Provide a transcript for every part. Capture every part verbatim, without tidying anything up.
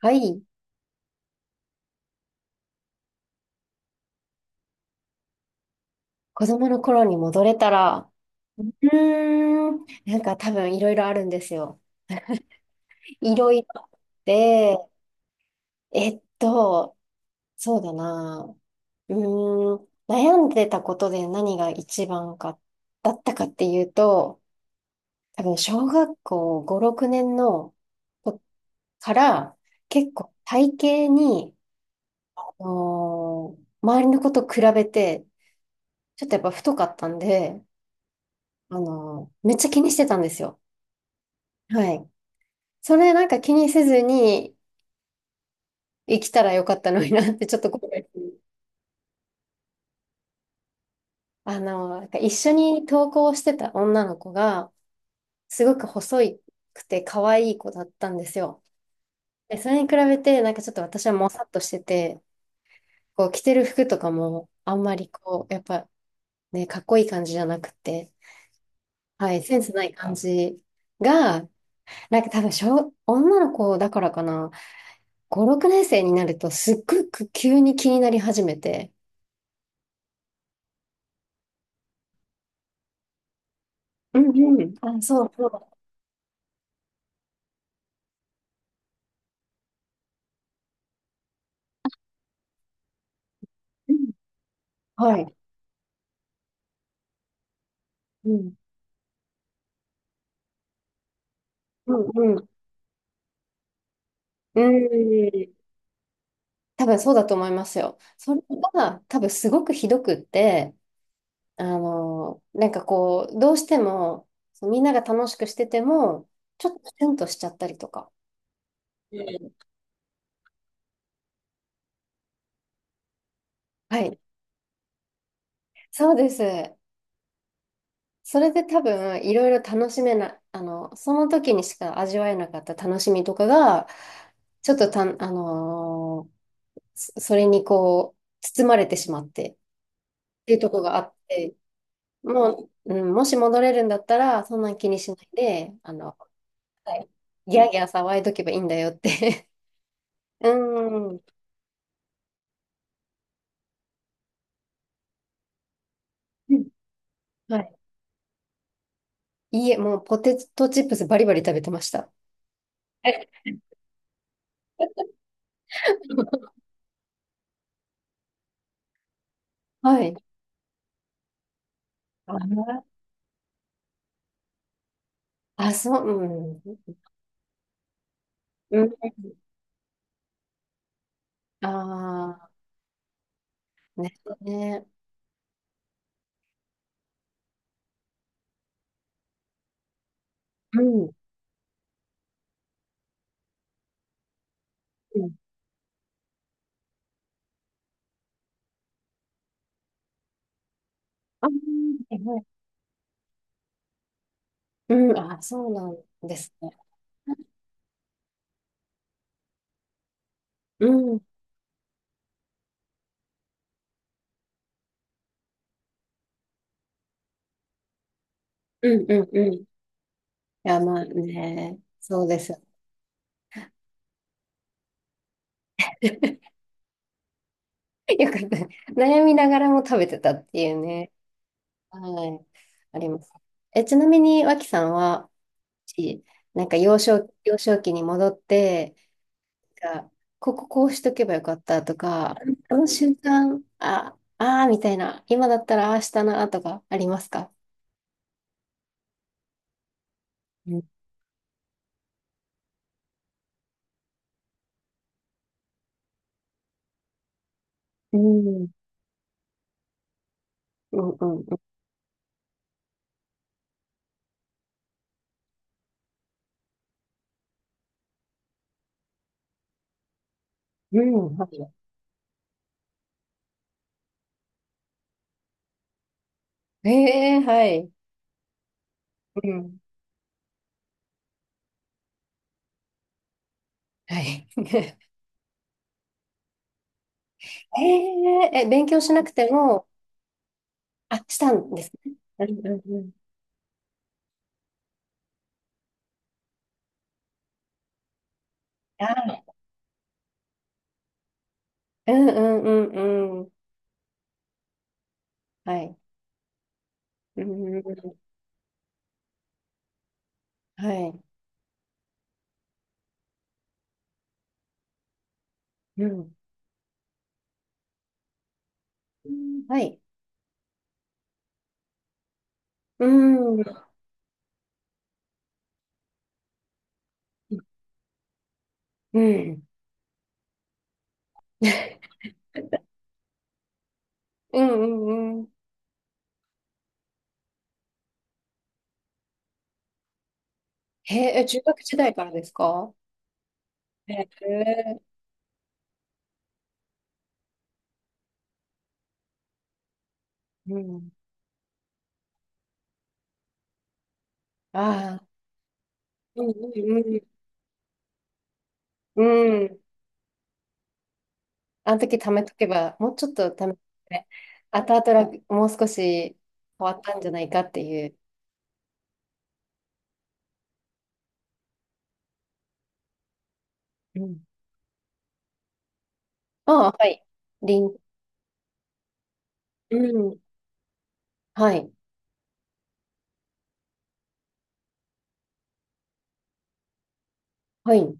はい。子供の頃に戻れたら、うーん、なんか多分いろいろあるんですよ。いろいろ。で、えっと、そうだな。うーん、悩んでたことで何が一番か、だったかっていうと、多分小学校ご、ろくねんのこから結構体型に、あのー周りの子と比べて、ちょっとやっぱ太かったんで、あのーめっちゃ気にしてたんですよ。はい。それなんか気にせずに生きたらよかったのになってちょっと後悔する。あの、なんか一緒に登校してた女の子が、すごく細くて可愛い子だったんですよ。で、それに比べて、なんかちょっと私はもさっとしてて、こう着てる服とかもあんまりこう、やっぱね、かっこいい感じじゃなくて、はい、センスない感じが、なんか多分小、女の子だからかな、ご、ろくねん生になるとすっごく急に気になり始めて。うんうん。あ、そうそう。うん。はい。うん。うんうん。うん。多分そうだと思いますよ。それが多分すごくひどくって、あの、なんかこう、どうしても、そうみんなが楽しくしてても、ちょっとシュンとしちゃったりとか。うん。はい。そうです。それで多分、いろいろ楽しめな、あの、その時にしか味わえなかった楽しみとかが、ちょっとたん、あのーそそれにこう、包まれてしまってっていうところがあって、もう、うん、もし戻れるんだったら、そんなん気にしないで、あの、はい、ギャーギャー騒いどけばいいんだよって。うん。うん。はい。いいえ、もうポテトチップスバリバリ食べてました。え。 はい。あ、あそう。うん。うん。ああ、ね。ね。うん。うん。あ、はいはい。うん。あ、そうなんですね。うん。うん、うん、うん。いや、まあね。そうですよ。よかった。悩みながらも食べてたっていうね。はい。あります。え、ちなみに、脇さんは、しなんか幼少、幼少期に戻って、なんかこここうしとけばよかったとか、あの瞬間、あ、あーみたいな、今だったらああしたなとかありますか？うんうん。うん、うん、うん、はい。えー、はい。うん、はい。えー、え、勉強しなくても？あ、したんですね。うん、うん、うん。あー、うん、うん、うん、うん。はい。うんうんうん、はい。うん。うん。はい。うん。うん。うん。うんうん。へえ、中学時代からですか？へえ。うん。ああ。うんうんうん。うん。あの時貯めとけば、もうちょっと貯めて、後々楽もう少し変わったんじゃないかっていう。うん。ああ、はい。りん。うん。はい。はい。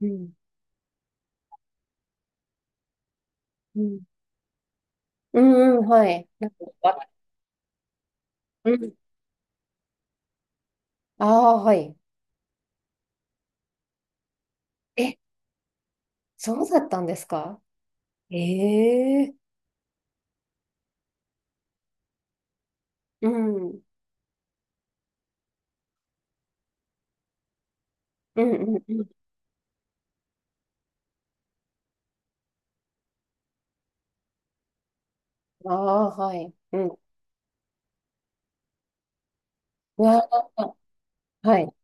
うん。うん。うんうん、はい。なんか、わ。うん。ああ、はい。え、そうだったんですか？え。うん。うんうんうん。ああ、はい。うん。うわあ、はい。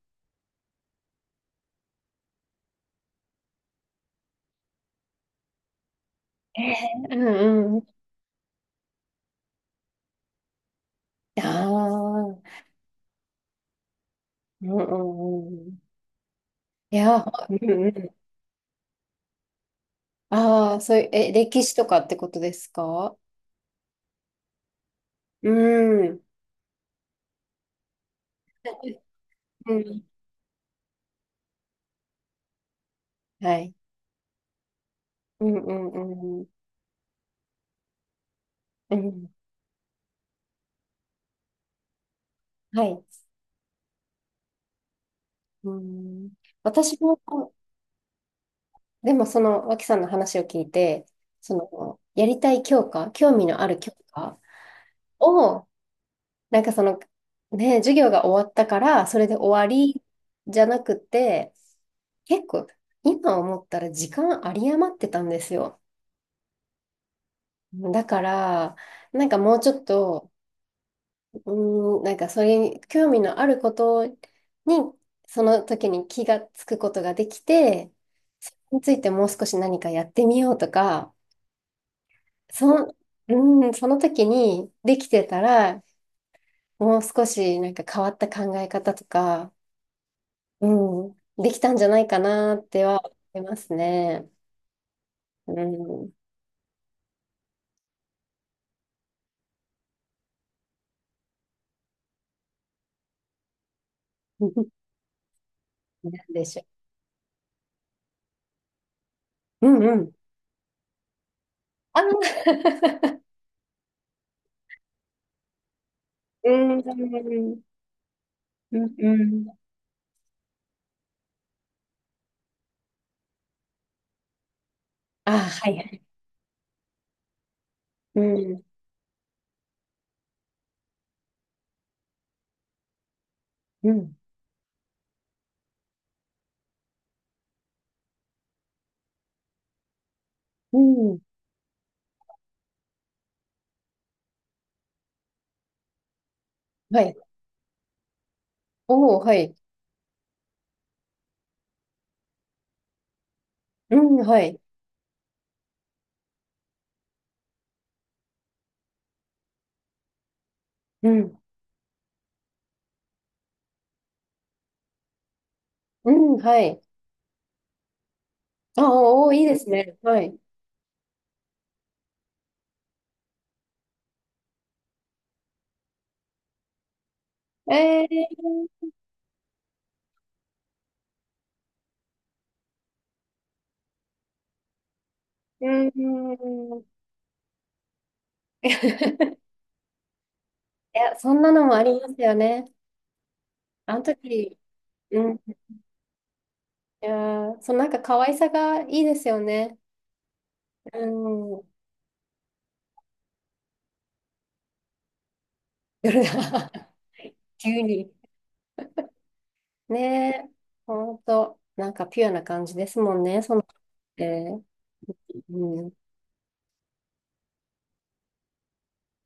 ええ。うんうん。ああ、うん。うんうん。いや、うんうん。ああ、そういう、え、歴史とかってことですか？うん。うん。はい。うんうんうん。うん。はい。うん。私も、でもその、脇さんの話を聞いて、その、やりたい教科、興味のある教科を、なんかその、ね、授業が終わったから、それで終わりじゃなくて、結構、今思ったら時間あり余ってたんですよ。だから、なんかもうちょっと、うーん、なんかそれに興味のあることに、その時に気がつくことができて、それについてもう少し何かやってみようとか、その、うーん、その時にできてたら、もう少しなんか変わった考え方とか、うん、できたんじゃないかなっては思いますね。うん。なんでしょう。うんうん。あの。 うん。うんうん、うん。あー、はいはい。うん、うん、うん。はい。おー、はい。うん、はい。うん、うん、はい。あー、おー、いいですね。はい。えー、うん。いや、そんなのもありますよね。あの時、うん。いやー、そのなんか可愛さがいいですよね。うん。夜が。 急に。ねえ。ほんと。なんかピュアな感じですもんね、そのって。うん。